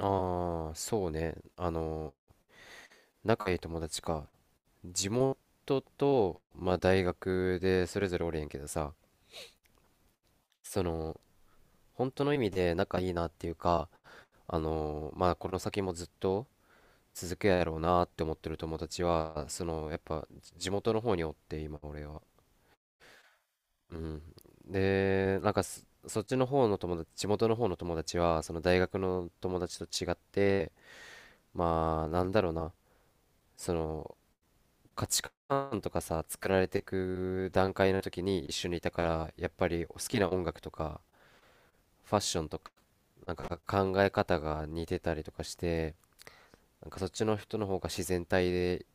ああ、そうね。仲いい友達か。地元と、まあ、大学でそれぞれおるんやけどさ、その、本当の意味で仲いいなっていうか、まあ、この先もずっと続くやろうなって思ってる友達は、やっぱ、地元の方におって、今、俺は。うん。で、なんかそっちの方の友達、地元の方の友達は、その大学の友達と違って、まあ、なんだろうな。その価値観とかさ、作られていく段階の時に一緒にいたから、やっぱり好きな音楽とか、ファッションとか、なんか考え方が似てたりとかして、なんかそっちの人の方が自然体で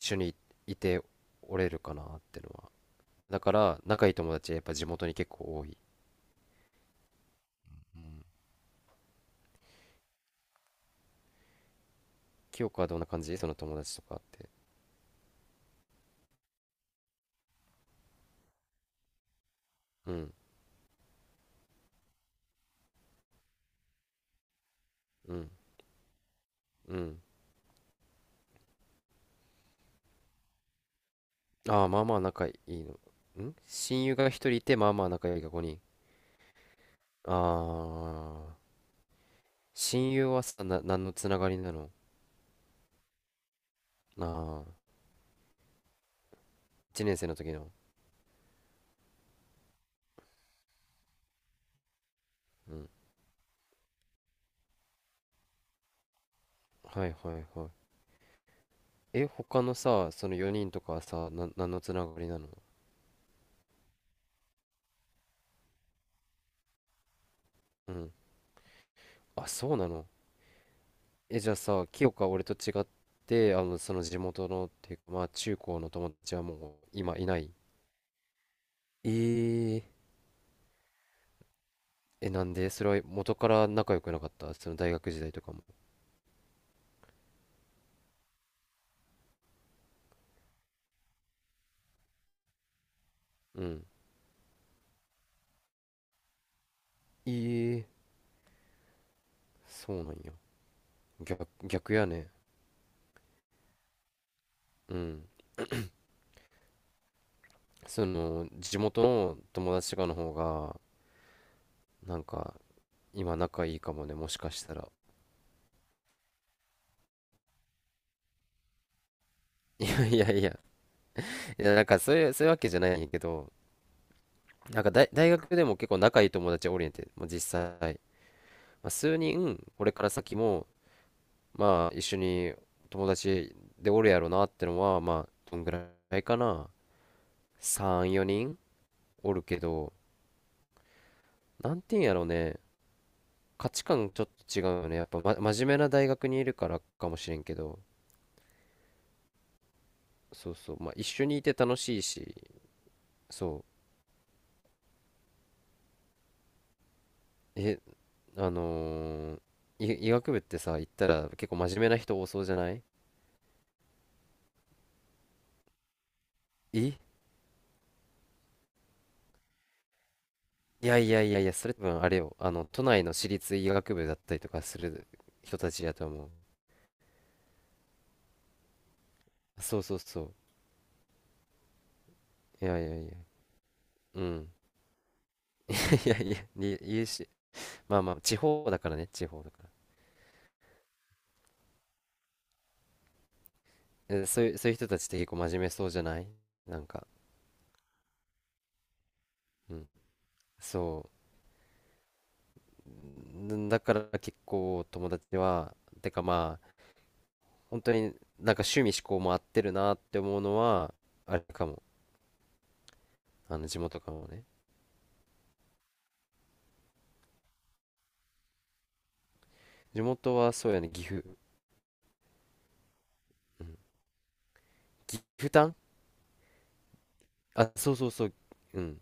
一緒にいておれるかなってのは。だから、仲いい友達はやっぱ地元に結構多い。うん。清子はどんな感じその友達とかって？うん、うん、うん。ああ、まあまあ仲いいの。親友が一人いて、まあまあ仲いいが5人。ああ。親友はさ、何のつながりなの？ああ、1年生の時の。うん。はいはいはい。え、他のさ、その4人とかはさ、何のつながりなの？うん。あ、そうなの？え、じゃあさ、清香は俺と違って、その地元の、っていうか、まあ、中高の友達はもう、今いない？えー、え、なんでそれは元から仲良くなかった？その大学時代とかも？うん。えー、そうなんや。逆、逆やね。うん。地元の友達とかの方が、なんか、今仲いいかもね、もしかしたら。いやいやいや、いやなんかそういうわけじゃないんやけど、なんか大学でも結構仲いい友達おりんて、まあ、実際、まあ、数人、これから先も、まあ、一緒に友達でおるやろなってのは、まあ、どんぐらいかな。3、4人おるけど、なんていうんやろうね、価値観ちょっと違うよね。やっぱ、真面目な大学にいるからかもしれんけど、そうそう、まあ、一緒にいて楽しいし、そう。え、あのー医学部ってさ、行ったら結構真面目な人多そうじゃない？えいやいやいやいや、それ多分あれよ。都内の私立医学部だったりとかする人たちやと思う。そうそうそう。いやいやいや。うん。いやいや、に言うし、まあまあ、地方だからね、地方だから。え、そういう人たちって結構真面目そうじゃない？なんか、うん。そう。だから結構友達は、てかまあ、本当になんか趣味嗜好も合ってるなって思うのは、あれかも。あの地元からもね。地元はそうやね、岐阜、うん、岐阜タン。あ、そうそうそう。うん。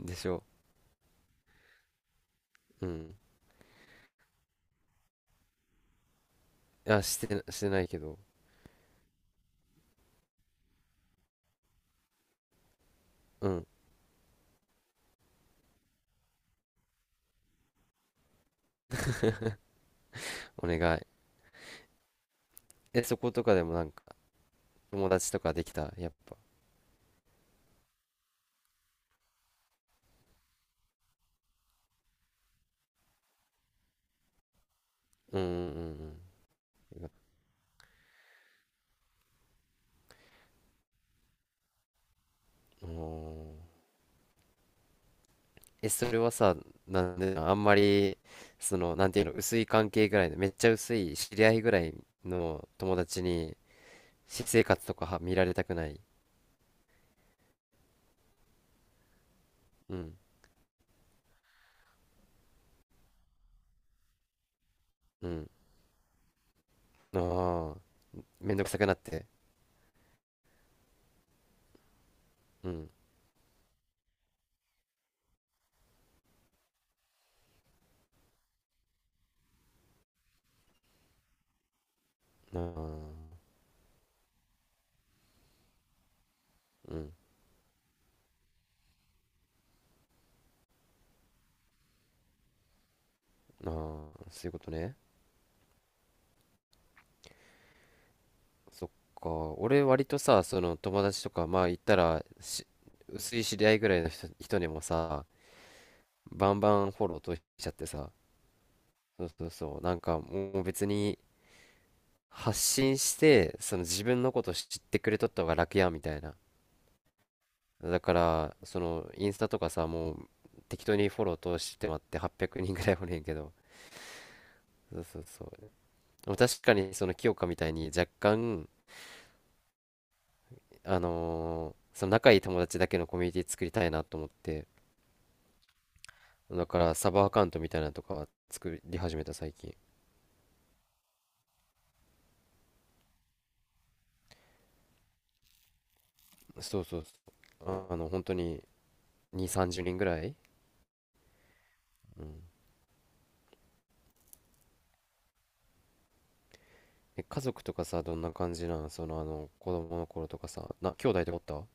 でしょ？うん、いや、してないけど。うん、お願い。え、そことかでもなんか友達とかできたやっぱ？うん、うん、うん、うん、おー。え、それはさ、なんであんまり、なんていうの、薄い関係ぐらいのめっちゃ薄い知り合いぐらいの友達に私生活とかは見られたくない？うん、うん、ああ、めんどくさくなって？うん、あー。うん、まあー、そういうことね。そっか。俺割とさ、その友達とか、まあ言ったら薄い知り合いぐらいの人にもさ、バンバンフォローとしちゃってさ。そうそうそう。なんかもう別に発信して自分のこと知ってくれとった方が楽やみたいな。だからそのインスタとかさ、もう適当にフォロー通してもらって800人ぐらいおねんけど。そうそうそう。でも確かにその清香みたいに若干仲いい友達だけのコミュニティ作りたいなと思って、だからサブアカウントみたいなのとか作り始めた最近。そうそうそう。あ、本当に2、30人ぐらい。うん、え、家族とかさ、どんな感じなん？子供の頃とかさ、兄弟とかおった？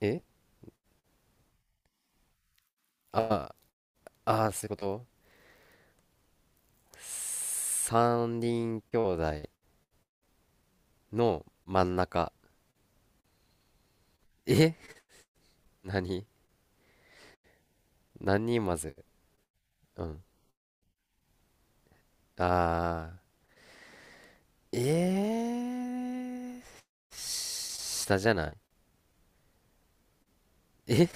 えああー、そういうこと。三人兄弟の真ん中。え、何何人まず？うん。ああ。えー、下じゃない？ え、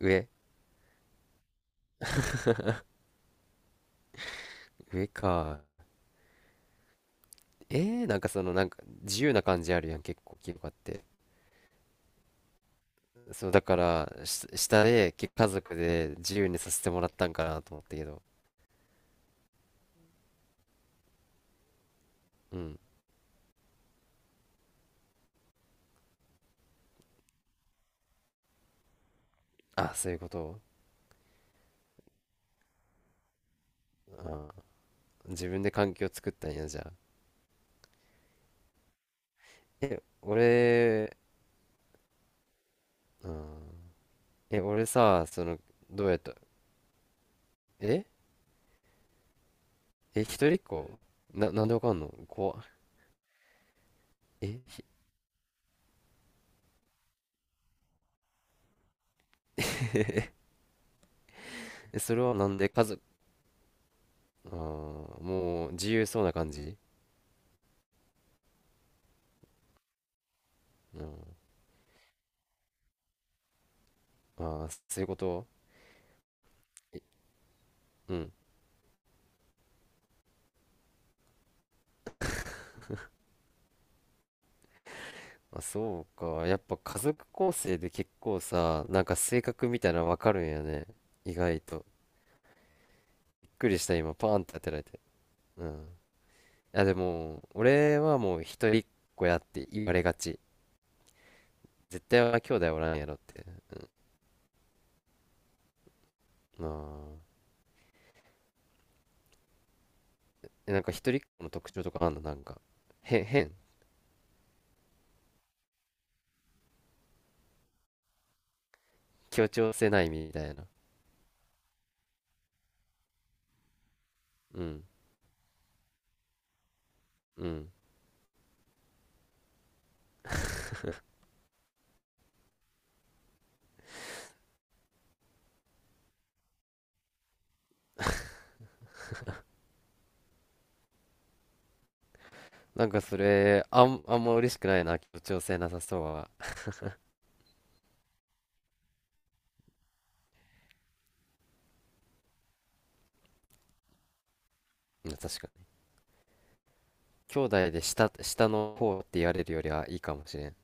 上？上か。えー、なんかなんか自由な感じあるやん、結構清香って。そう、だから下で家族で自由にさせてもらったんかなと思ったけど。うん。あ、そういうこと。あー、自分で環境作ったんや、じゃあ。え、俺、うん。え、俺さ、どうやった？ええ、一人っ子？なんでわかんの？怖っ。え、ひえ、それはなんで？家族？ああ、もう自由そうな感じ？うん。ああ、そういうこと。えうん。あ、そうか。やっぱ家族構成で結構さ、なんか性格みたいなのわかるんやね。意外と。びっくりした、今、パーンって当てられて。うん。いや、でも、俺はもう一人っ子やって言われがち。絶対は兄弟おらんやろって。なあ。え、なんか一人っ子の特徴とかあんの、なんか？変。協調性ないみたいな。うん。うん。なんかそれ、あんま嬉しくないな、協調性なさそうは。うん、確かに。兄弟で下の方って言われるよりはいいかもしれん。